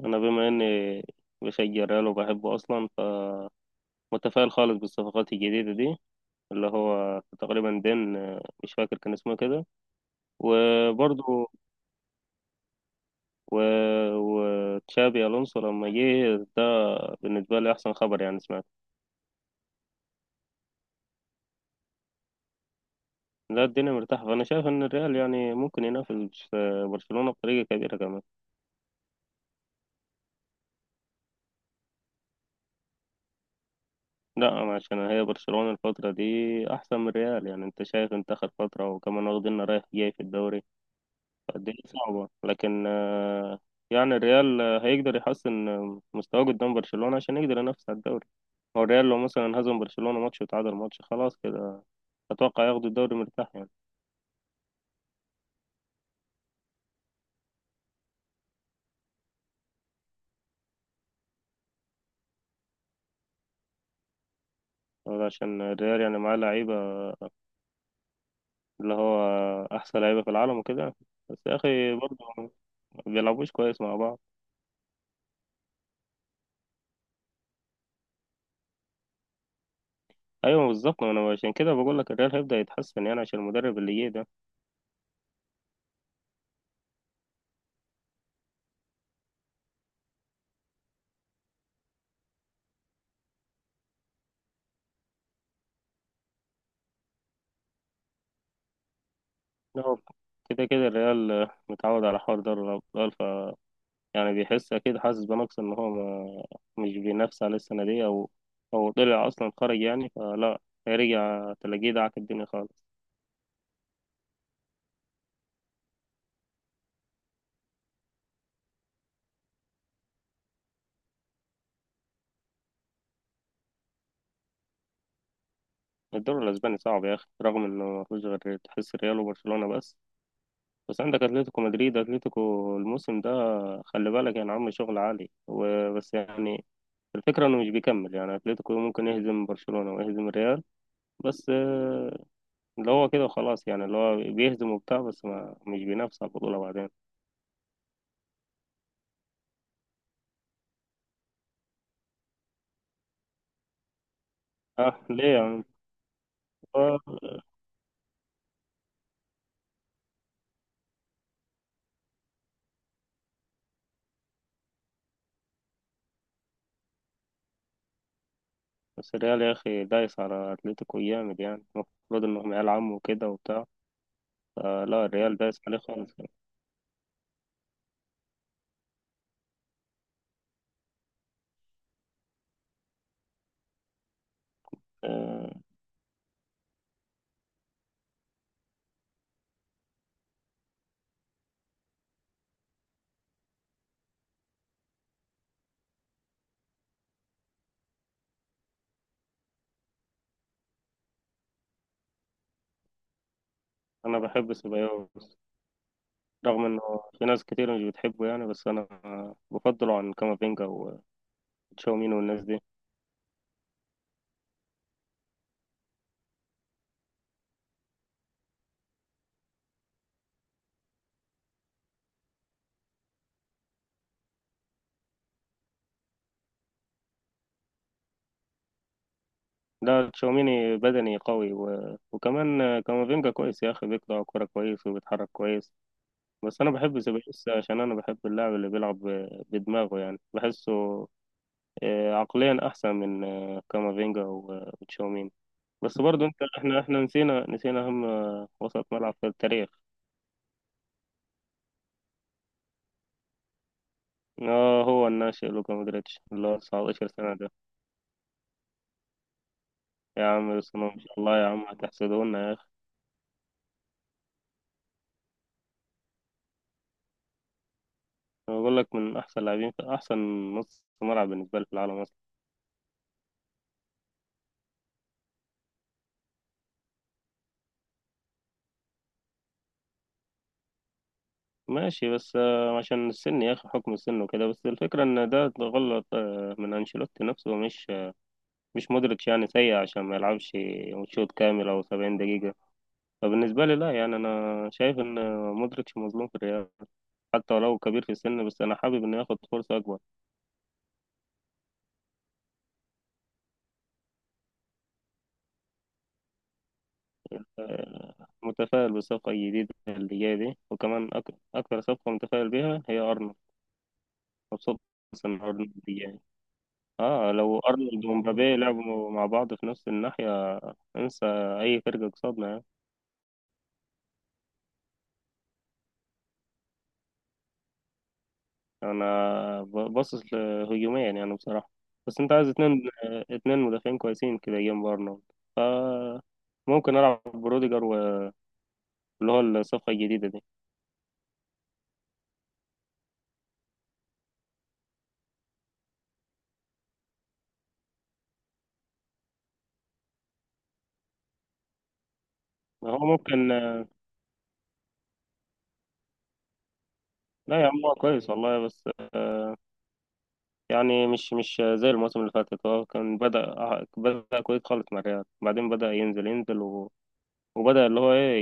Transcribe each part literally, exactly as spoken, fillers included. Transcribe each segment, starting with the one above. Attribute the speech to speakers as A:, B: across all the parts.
A: انا بما اني بشجع ريال وبحبه اصلا، فمتفائل خالص بالصفقات الجديده دي، اللي هو تقريبا دين. آه، مش فاكر كان اسمه كده وبرضه و... وتشابي الونسو لما جه ده، بالنسبه لي احسن خبر يعني سمعت. لا، الدنيا مرتاحه، فانا شايف ان الريال يعني ممكن ينافس آه، برشلونه بطريقه كبيره كمان. لا، عشان هي برشلونه الفتره دي احسن من الريال، يعني انت شايف انت اخر فتره، وكمان واخدين رايح جاي في الدوري، الدنيا صعبة. لكن آه، يعني الريال آه، هيقدر يحسن آه، مستواه قدام برشلونة عشان يقدر ينافس على الدوري. هو الريال لو مثلا هزم برشلونة ماتش وتعادل ماتش، خلاص كده أتوقع ياخدوا الدوري مرتاح يعني. هو عشان الريال يعني معاه لعيبة، اللي هو أحسن لعيبة في العالم وكده، بس يا أخي برضه ما بيلعبوش كويس مع بعض. أيوة بالظبط، ما أنا عشان كده بقول لك الريال هيبدأ يتحسن يعني عشان المدرب اللي جه ده. لا، هو كده كده الريال آه، متعود على حوار دوري الأبطال، يعني بيحس اكيد، حاسس بنقص ان هو ما مش بينافس على السنه دي، او او طلع اصلا خرج يعني، فلا، هيرجع تلاقيه دعك الدنيا خالص. الدوري الاسباني صعب يا اخي، رغم انه ما فيهوش غير تحس ريال وبرشلونه بس، بس عندك اتلتيكو مدريد. اتلتيكو الموسم ده خلي بالك يعني، عامل شغل عالي وبس. يعني الفكره انه مش بيكمل، يعني اتلتيكو ممكن يهزم برشلونه ويهزم الريال، بس آه، اللي هو كده وخلاص يعني، اللي هو بيهزم وبتاع، بس ما مش بينافس على البطوله بعدين. اه ليه يعني. بس الريال يا أخي دايس على أتلتيكو جامد، يعني المفروض إنهم عيال عم وكده وبتاع، فلا، الريال دايس عليه خالص. آه، أنا بحب سيبايوس رغم إنه في ناس كتير مش بتحبه يعني، بس أنا بفضله عن كامافينجا وتشاوميني والناس دي. لا، تشاوميني بدني قوي و... وكمان آه، كامافينجا كويس يا أخي، بيقطع كورة كويس وبيتحرك كويس، بس أنا بحب سيبايوس عشان أنا بحب اللاعب اللي بيلعب ب- بدماغه، يعني بحسه آه، عقليا أحسن من آه، كامافينجا و- وتشاوميني. بس برضو انت احنا احنا نسينا نسينا اهم وسط ملعب في التاريخ. اه، هو الناشئ لوكا مودريتش اللي هو 19 سنة ده. يا عم يصنع ان شاء الله، يا عم هتحسدونا يا اخي. انا بقول لك من احسن لاعبين في احسن نص ملعب بالنسبة لي في العالم اصلا. ماشي، بس آه، عشان السن يا اخي، حكم السن وكده، بس الفكرة ان ده غلط آه، من انشيلوتي نفسه، مش آه، مش مودريتش يعني سيء عشان ما يلعبش شوط كامل او 70 دقيقة. فبالنسبة لي لا، يعني انا شايف ان مودريتش مظلوم في الريال، حتى ولو كبير في السن، بس أنا حابب إنه ياخد فرصة أكبر. آه، متفائل بالصفقة الجديدة اللي جاية دي، وكمان أك... أكتر صفقة متفائل بيها هي أرنولد. مبسوط إن أرنولد جاي. آه، لو أرنولد ومبابي لعبوا مع بعض في نفس الناحية، انسى أي فرقة قصادنا يعني. أنا ب- باصص لهجوميا يعني بصراحة، بس أنت عايز اتنين آه، اتنين مدافعين كويسين كده جنب أرنولد. ف ممكن ألعب بروديجر، واللي هو الصفقة الجديدة دي. هو ممكن. لا يا عم، هو كويس والله، بس يعني مش مش زي الموسم اللي فاتت، هو كان بدأ بدأ كويس خالص مع الريال، بعدين بدأ ينزل ينزل و... وبدأ اللي هو إيه،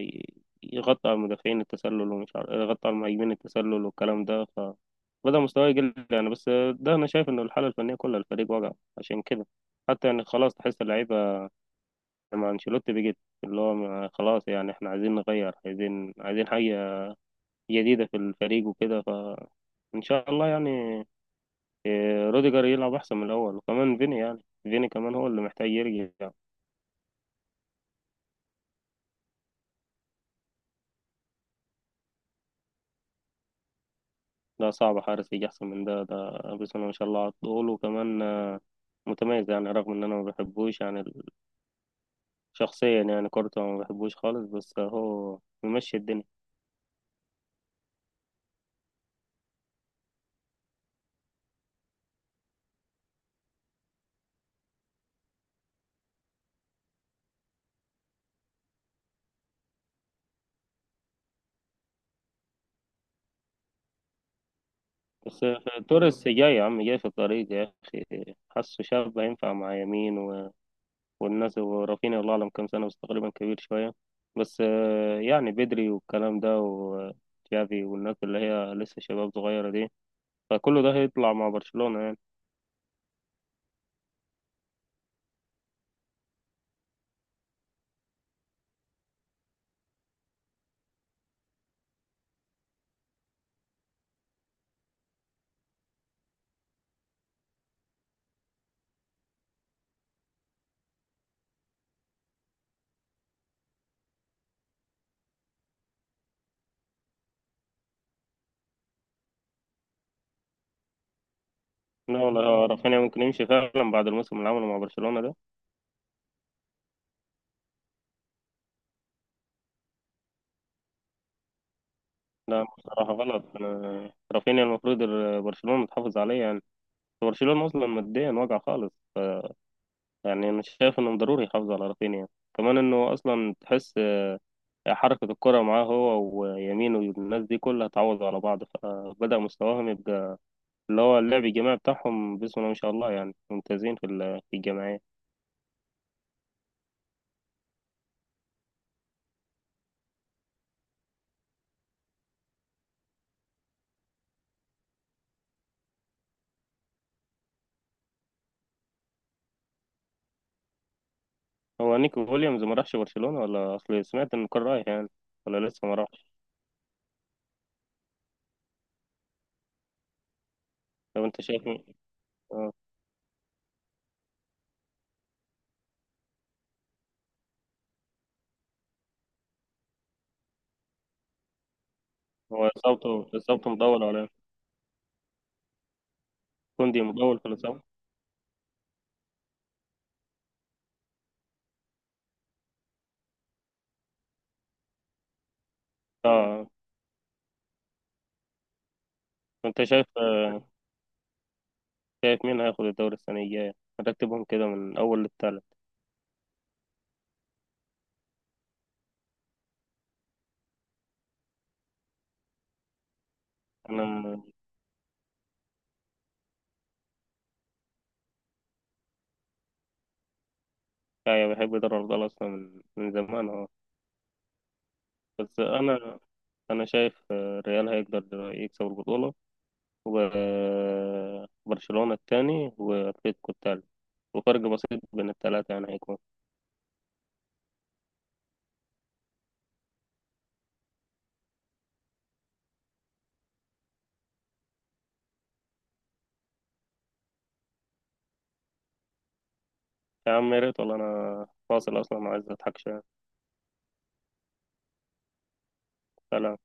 A: ي- يغطي على المدافعين التسلل، ومش عارف يغطي على المهاجمين التسلل والكلام ده، فبدأ مستواه يقل يعني. بس ده أنا شايف إن الحالة الفنية كلها الفريق وجع، عشان كده حتى يعني خلاص تحس اللعيبة مع أنشيلوتي بقت، اللي هو ما- خلاص يعني إحنا عايزين نغير، عايزين عايزين حاجة جديدة في الفريق وكده، فإن شاء الله يعني روديجر يلعب احسن من الاول. وكمان فيني، يعني فيني كمان هو اللي محتاج يرجع. ده صعب حارس يجي احسن من ده. ده بسم الله ما شاء الله على طول، وكمان آه، متميز يعني، رغم ان انا ما بحبوش يعني ال- شخصيا يعني، كورته ما بحبوش خالص، بس هو ممشي الدنيا. بس آه، توريس جاي يا عم، جاي في الطريق يا اخي، حاسه شاب هينفع مع يمين و... والناس. ورافينيا، الله اعلم كام سنه، بس تقريبا كبير شويه. بس آه، يعني بدري والكلام ده، وتشافي والناس اللي هي لسه شباب صغيره دي، فكله ده هيطلع مع برشلونة يعني. لا والله، هو رافينيا ممكن يمشي فعلا بعد الموسم اللي عمله مع برشلونة ده. لا بصراحة غلط، أنا- رافينيا المفروض ال- برشلونة تحافظ عليه يعني. برشلونة أصلا ماديا واقع خالص، يعني أنا شايف إنه ضروري يحافظ على رافينيا، كمان إنه أصلا تحس حركة الكرة معاه هو ويمين والناس دي كلها، تعوض على بعض، فبدأ مستواهم يبقى اللي هو اللعب الجماعي بتاعهم بسم الله ما شاء الله، يعني ممتازين في ال- في الجماعية. هو نيكو ويليامز ما راحش برشلونة، ولا اصل سمعت ان كان رايح يعني ولا لسه ما راحش؟ طب انت شايف مين؟ اه، هو اصابته اصابته مطول ولا إيه؟ كوندي مطول في الاصابة، اه. انت شايف آه، شايف مين هياخد الدوري السنة الجاية؟ هتكتبهم كده من اول للتالت. انا كايا بحب دوري الابطال اصلا من من زمان اهو. بس انا انا شايف آه، الريال هيقدر يكسب البطولة، وبرشلونة التاني واتلتيكو التالت، وفرق بسيط بين التلاتة يعني هيكون. يا عم يا ريت والله، انا فاصل اصلا عايز اضحك شويه. سلام.